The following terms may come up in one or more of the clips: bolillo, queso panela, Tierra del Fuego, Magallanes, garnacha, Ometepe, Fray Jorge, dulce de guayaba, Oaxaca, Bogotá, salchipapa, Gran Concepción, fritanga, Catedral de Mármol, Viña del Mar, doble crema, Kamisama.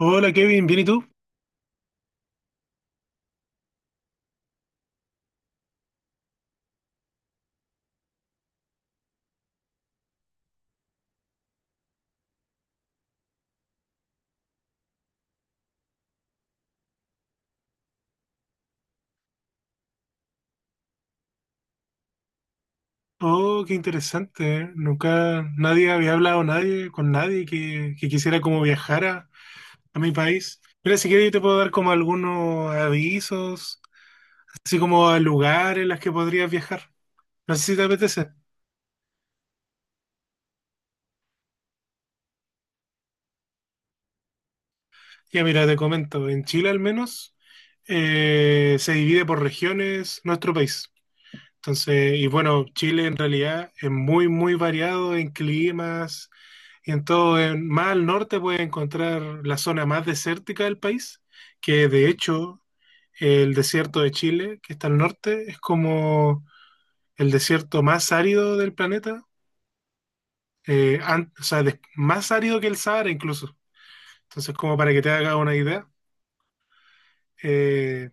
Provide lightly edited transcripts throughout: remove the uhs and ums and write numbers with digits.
Hola Kevin, ¿bien y tú? Oh, qué interesante. ¿Eh? Nunca nadie había hablado nadie con nadie que, quisiera como viajar a mi país. Mira, si quieres yo te puedo dar como algunos avisos, así como a lugares en los que podrías viajar. No sé si te apetece. Ya mira, te comento, en Chile al menos se divide por regiones nuestro país. Entonces, y bueno, Chile en realidad es muy, muy variado en climas. Y en todo, más al norte puedes encontrar la zona más desértica del país, que de hecho el desierto de Chile, que está al norte, es como el desierto más árido del planeta. O sea, más árido que el Sahara incluso. Entonces, como para que te haga una idea, eh,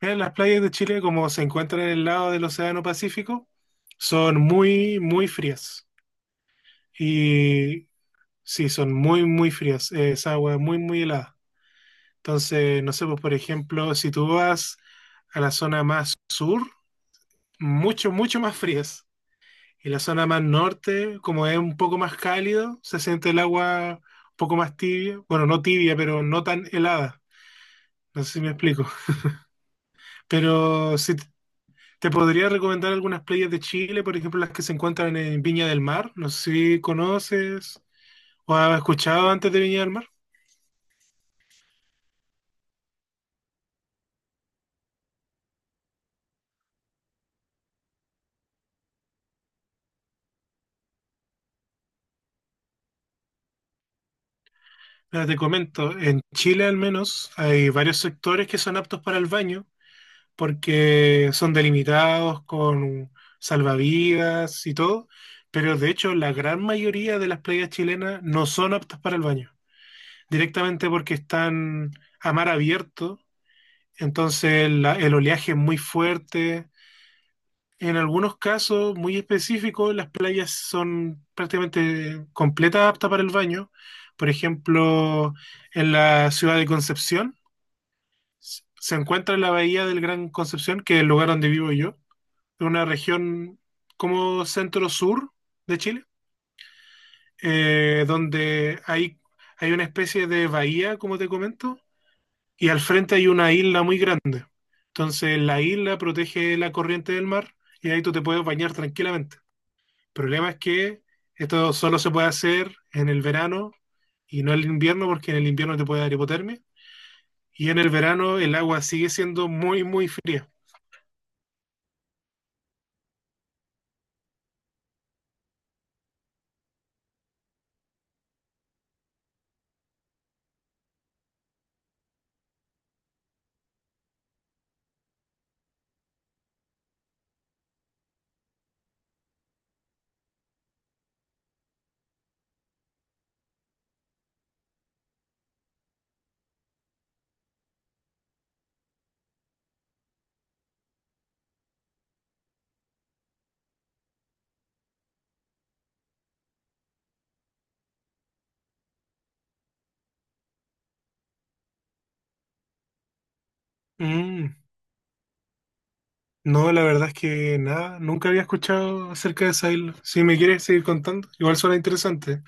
mira, las playas de Chile, como se encuentran en el lado del Océano Pacífico, son muy, muy frías. Y sí, son muy, muy frías. Es agua muy, muy helada. Entonces, no sé, pues por ejemplo, si tú vas a la zona más sur, mucho, mucho más frías. Y la zona más norte, como es un poco más cálido, se siente el agua un poco más tibia. Bueno, no tibia, pero no tan helada. No sé si me explico. Pero si t- te podría recomendar algunas playas de Chile, por ejemplo, las que se encuentran en Viña del Mar. No sé si conoces o has escuchado antes de Viña del Mar. Mira, te comento, en Chile al menos hay varios sectores que son aptos para el baño porque son delimitados con salvavidas y todo, pero de hecho la gran mayoría de las playas chilenas no son aptas para el baño, directamente porque están a mar abierto, entonces el oleaje es muy fuerte. En algunos casos muy específicos, las playas son prácticamente completas aptas para el baño. Por ejemplo, en la ciudad de Concepción, se encuentra la bahía del Gran Concepción, que es el lugar donde vivo yo, una región como centro-sur de Chile, donde hay una especie de bahía, como te comento, y al frente hay una isla muy grande. Entonces la isla protege la corriente del mar y ahí tú te puedes bañar tranquilamente. El problema es que esto solo se puede hacer en el verano y no en el invierno, porque en el invierno te puede dar hipotermia. Y en el verano el agua sigue siendo muy, muy fría. Mm. No, la verdad es que nada, nunca había escuchado acerca de esa isla. Si me quieres seguir contando, igual suena interesante.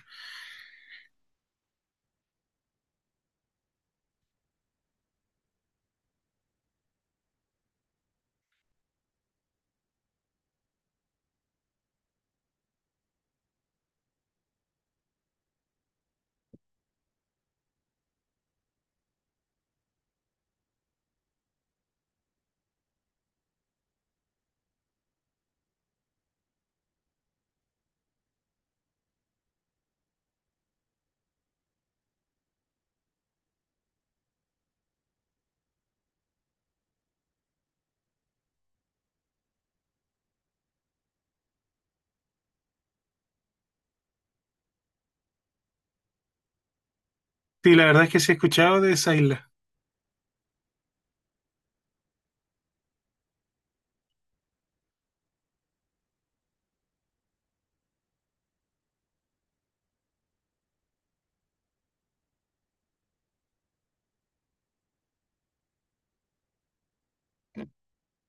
Sí, la verdad es que sí he escuchado de esa isla.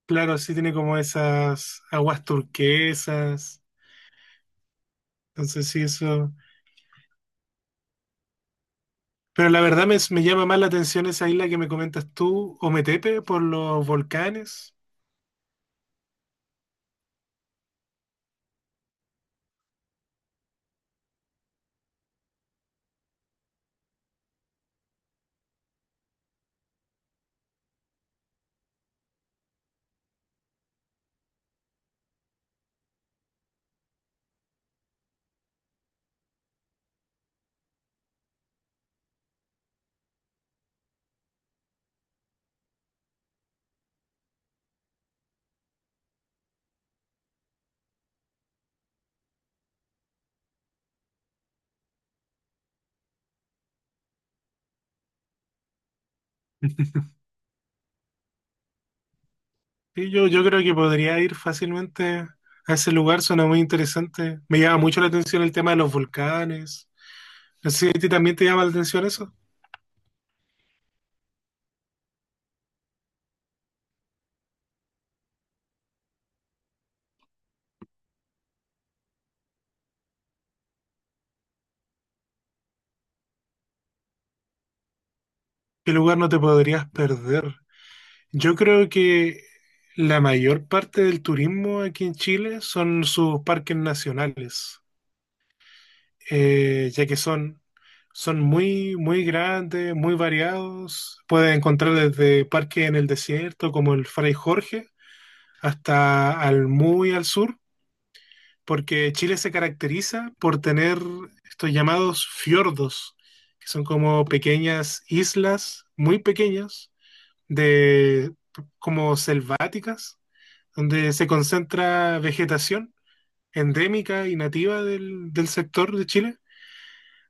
Claro, sí tiene como esas aguas turquesas. Entonces sí, eso. Pero la verdad me llama más la atención esa isla que me comentas tú, Ometepe, por los volcanes. Sí, yo creo que podría ir fácilmente a ese lugar, suena muy interesante. Me llama mucho la atención el tema de los volcanes. No sé si a ti también te llama la atención eso. ¿Qué lugar no te podrías perder? Yo creo que la mayor parte del turismo aquí en Chile son sus parques nacionales, ya que son muy, muy grandes, muy variados. Puedes encontrar desde parques en el desierto como el Fray Jorge hasta al muy al sur porque Chile se caracteriza por tener estos llamados fiordos, que son como pequeñas islas, muy pequeñas, de como selváticas, donde se concentra vegetación endémica y nativa del sector de Chile.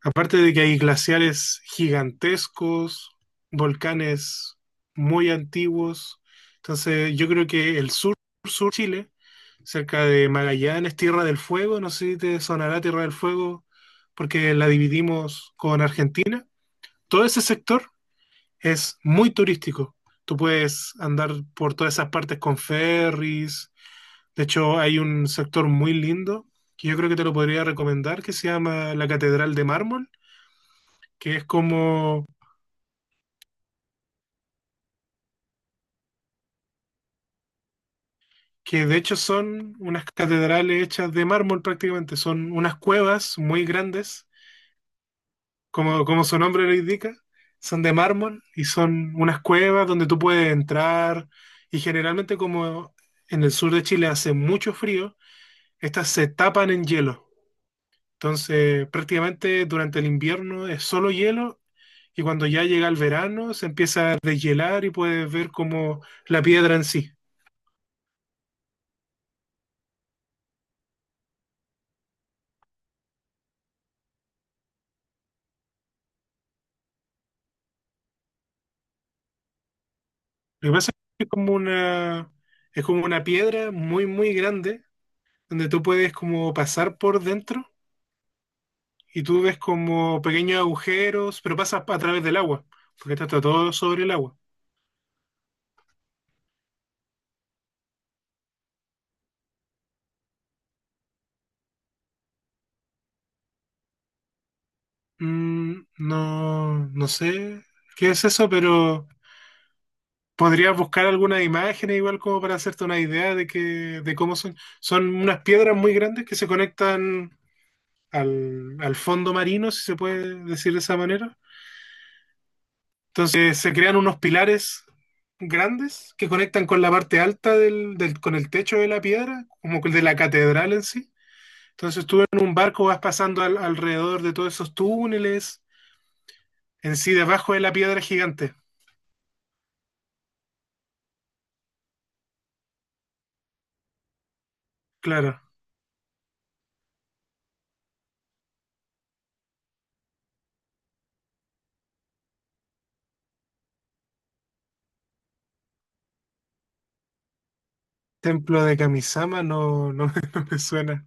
Aparte de que hay glaciares gigantescos, volcanes muy antiguos, entonces yo creo que el sur, sur Chile, cerca de Magallanes, Tierra del Fuego, no sé si te sonará Tierra del Fuego, porque la dividimos con Argentina. Todo ese sector es muy turístico. Tú puedes andar por todas esas partes con ferries. De hecho, hay un sector muy lindo que yo creo que te lo podría recomendar, que se llama la Catedral de Mármol, que es como que de hecho son unas catedrales hechas de mármol prácticamente, son unas cuevas muy grandes, como su nombre lo indica, son de mármol y son unas cuevas donde tú puedes entrar y generalmente como en el sur de Chile hace mucho frío, estas se tapan en hielo. Entonces, prácticamente durante el invierno es solo hielo y cuando ya llega el verano se empieza a deshielar y puedes ver como la piedra en sí. Lo que pasa es que es como es como una piedra muy, muy grande, donde tú puedes como pasar por dentro y tú ves como pequeños agujeros, pero pasas a través del agua, porque está todo sobre el agua. Mm, no, no sé qué es eso, pero podrías buscar algunas imágenes igual como para hacerte una idea de que, de cómo son. Son unas piedras muy grandes que se conectan al fondo marino, si se puede decir de esa manera. Entonces se crean unos pilares grandes que conectan con la parte alta con el techo de la piedra, como el de la catedral en sí. Entonces tú en un barco vas pasando alrededor de todos esos túneles, en sí debajo de la piedra gigante. Claro. Templo de Kamisama no, no, no me suena.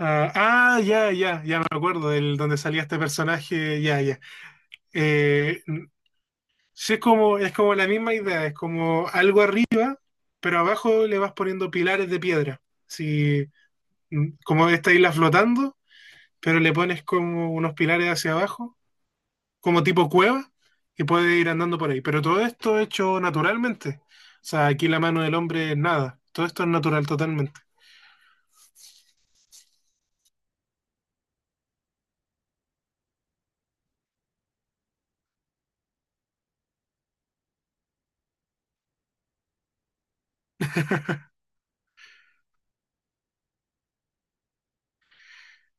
Ah, ah, ya, ya, ya me acuerdo del donde salía este personaje, ya, ya. Eh, sí, es como la misma idea, es como algo arriba pero abajo le vas poniendo pilares de piedra. Si, mm, como esta isla flotando, pero le pones como unos pilares hacia abajo, como tipo cueva, y puedes ir andando por ahí. Pero todo esto hecho naturalmente. O sea, aquí la mano del hombre es nada. Todo esto es natural totalmente.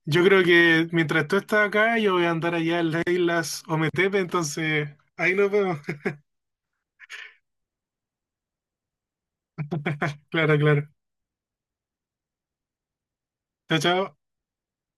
Yo creo que mientras tú estás acá, yo voy a andar allá en las islas Ometepe, entonces ahí nos vemos. Claro, claro. Chao, chao.